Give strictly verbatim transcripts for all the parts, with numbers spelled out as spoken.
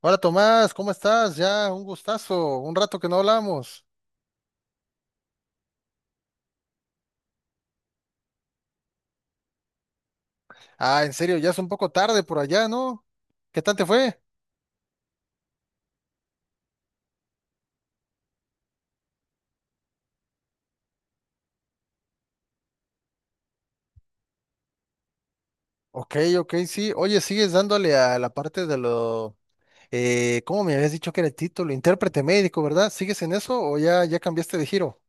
Hola Tomás, ¿cómo estás? Ya, un gustazo, un rato que no hablamos. Ah, en serio, ya es un poco tarde por allá, ¿no? ¿Qué tal te fue? Ok, ok, sí. Oye, sigues dándole a la parte de lo, eh, ¿cómo me habías dicho que era el título? Intérprete médico, ¿verdad? ¿Sigues en eso o ya, ya cambiaste de giro?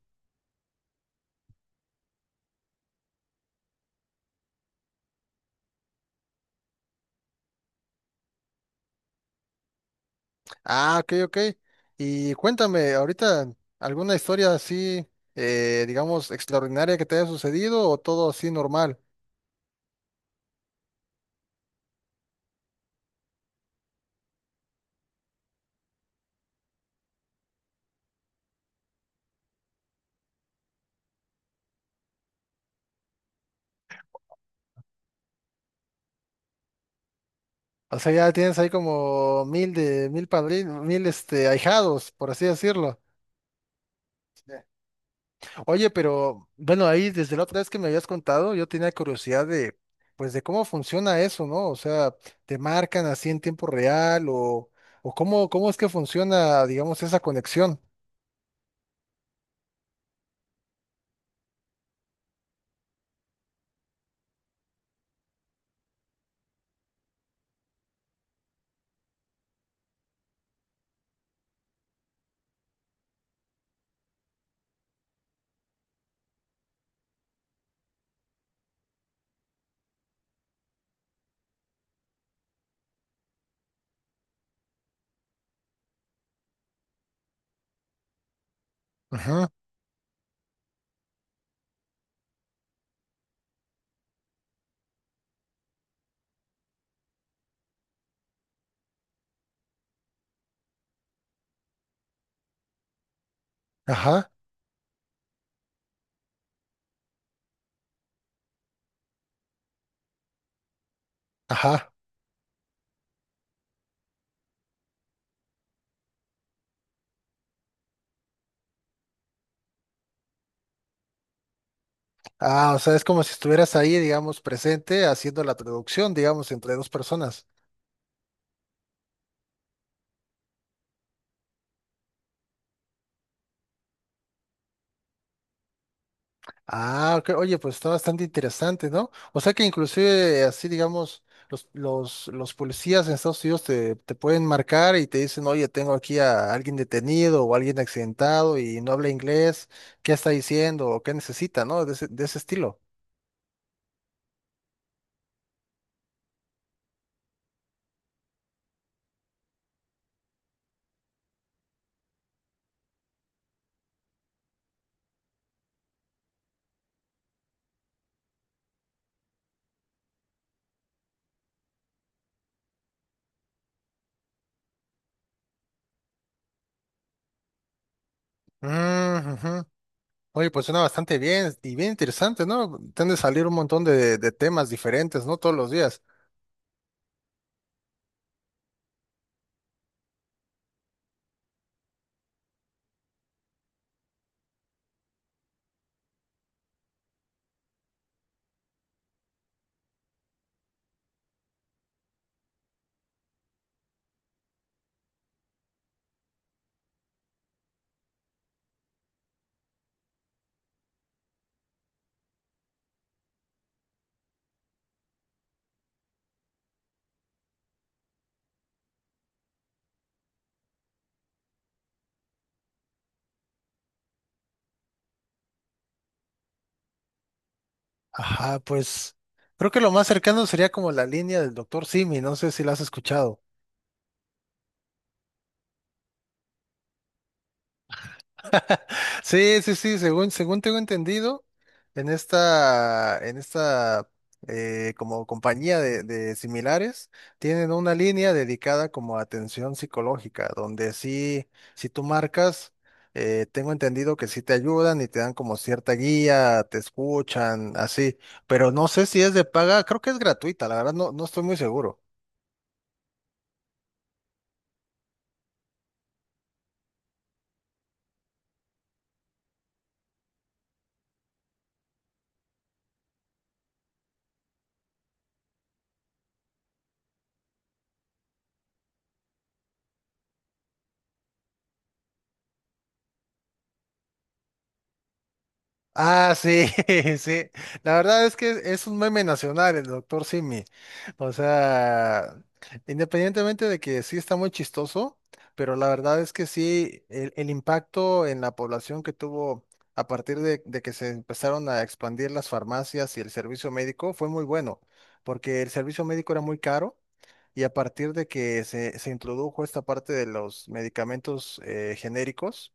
Ah, ok, ok. Y cuéntame, ahorita, ¿alguna historia así, eh, digamos, extraordinaria que te haya sucedido o todo así normal? O sea, ya tienes ahí como mil de mil padrinos, mil este ahijados, por así decirlo. Oye, pero bueno, ahí desde la otra vez que me habías contado, yo tenía curiosidad de, pues, de cómo funciona eso, ¿no? O sea, ¿te marcan así en tiempo real o, o cómo, cómo es que funciona, digamos, esa conexión? Ajá, ajá, ajá. Ah, o sea, es como si estuvieras ahí, digamos, presente haciendo la traducción, digamos, entre dos personas. Ah, ok. Oye, pues está bastante interesante, ¿no? O sea que inclusive así, digamos, los, los, los policías en Estados Unidos te, te pueden marcar y te dicen, oye, tengo aquí a alguien detenido o alguien accidentado y no habla inglés, ¿qué está diciendo o qué necesita, ¿no? De ese, de ese estilo. Mm, ujú. Oye, pues suena bastante bien y bien interesante, ¿no? Tiende a salir un montón de, de temas diferentes, ¿no? Todos los días. Ajá, pues creo que lo más cercano sería como la línea del doctor Simi, no sé si la has escuchado. Sí, sí, sí, según, según tengo entendido, en esta, en esta eh, como compañía de, de similares, tienen una línea dedicada como a atención psicológica, donde sí, si tú marcas, eh, tengo entendido que sí te ayudan y te dan como cierta guía, te escuchan, así, pero no sé si es de paga, creo que es gratuita, la verdad no, no estoy muy seguro. Ah, sí, sí. La verdad es que es un meme nacional el doctor Simi. O sea, independientemente de que sí está muy chistoso, pero la verdad es que sí, el, el impacto en la población que tuvo a partir de, de que se empezaron a expandir las farmacias y el servicio médico fue muy bueno, porque el servicio médico era muy caro. Y a partir de que se, se introdujo esta parte de los medicamentos eh, genéricos,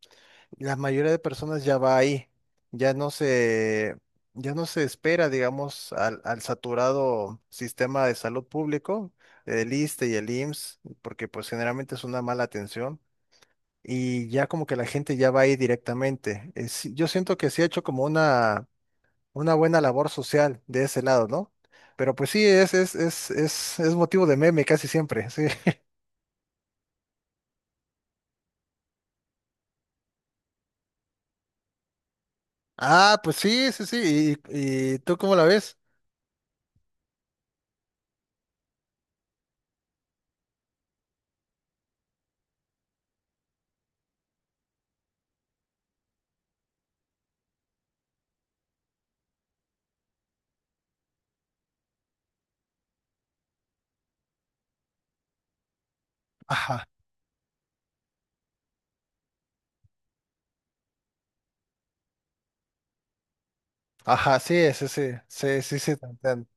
la mayoría de personas ya va ahí, ya no se, ya no se espera, digamos, al, al saturado sistema de salud público, el ISSSTE y el I M S S, porque pues generalmente es una mala atención y ya como que la gente ya va ahí directamente. Eh, sí, yo siento que sí ha hecho como una, una buena labor social de ese lado, ¿no? Pero pues sí, es, es, es, es, es motivo de meme casi siempre, sí. Ah, pues sí, sí, sí. ¿Y, y tú cómo la ves? Ajá. Ajá, sí, sí, sí, sí, sí, sí, te entiendo.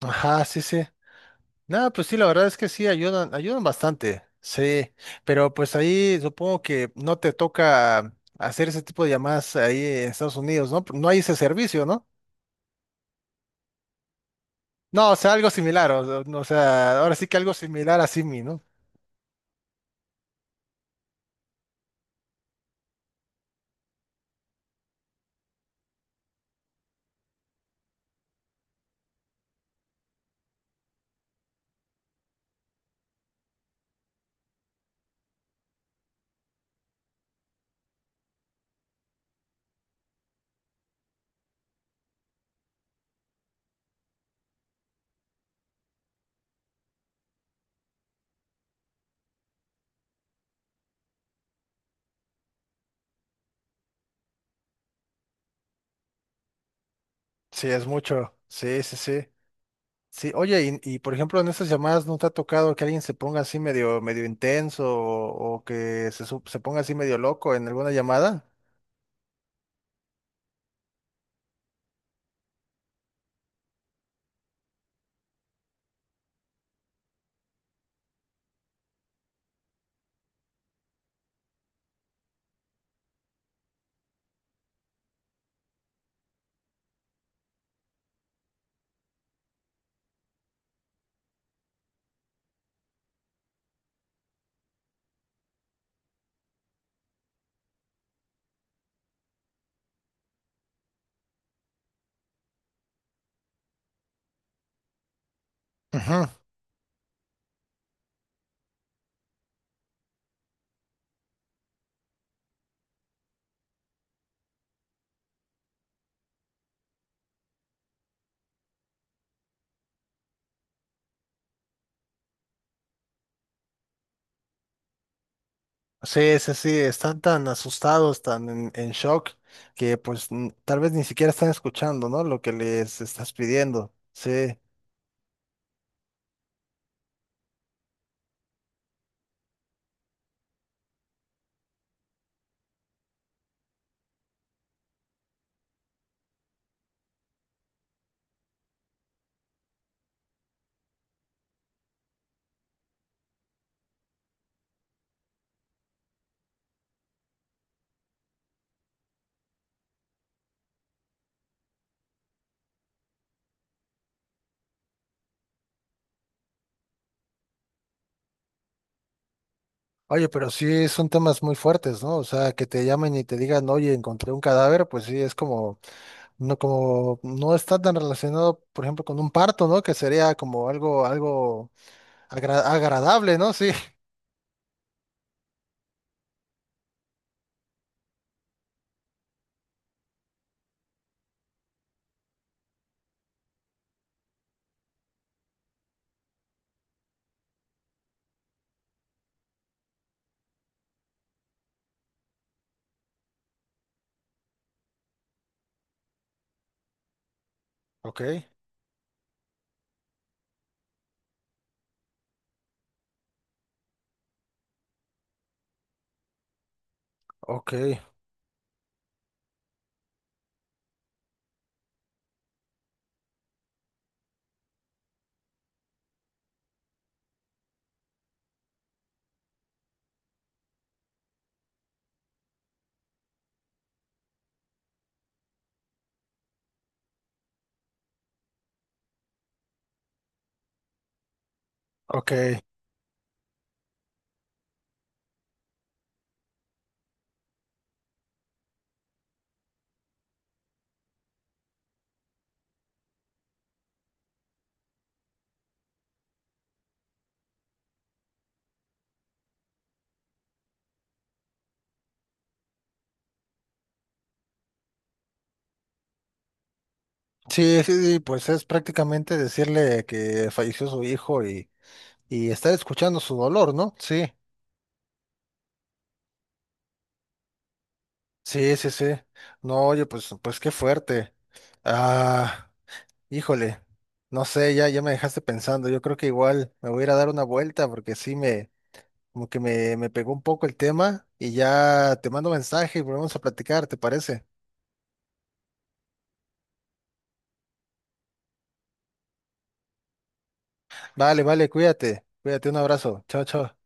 Ajá, sí, sí. Nada, pues sí, la verdad es que sí, ayudan, ayudan bastante, sí, pero pues ahí supongo que no te toca hacer ese tipo de llamadas ahí en Estados Unidos, ¿no? No hay ese servicio, ¿no? No, o sea, algo similar, o, o sea, ahora sí que algo similar a Simi, ¿no? Sí, es mucho, sí, sí, sí. Sí, oye, y, y, por ejemplo en esas llamadas no te ha tocado que alguien se ponga así medio, medio intenso o, o que se, su- se ponga así medio loco en alguna llamada? Ujú. Sí, sí, sí, están tan asustados, tan en, en shock, que pues n- tal vez ni siquiera están escuchando, ¿no? Lo que les estás pidiendo. Sí. Oye, pero sí son temas muy fuertes, ¿no? O sea, que te llamen y te digan, oye, encontré un cadáver, pues sí, es como, no, como, no está tan relacionado, por ejemplo, con un parto, ¿no? Que sería como algo, algo agra- agradable, ¿no? Sí. Ok, ok, ok. Sí, sí, sí, pues es prácticamente decirle que falleció su hijo y y estar escuchando su dolor, ¿no? Sí, sí, sí, sí. No, oye, pues, pues qué fuerte. Ah, híjole, no sé, ya, ya me dejaste pensando. Yo creo que igual me voy a ir a dar una vuelta porque sí me, como que me, me pegó un poco el tema y ya te mando mensaje y volvemos a platicar, ¿te parece? Vale, vale, cuídate, cuídate, un abrazo. Chao, chao.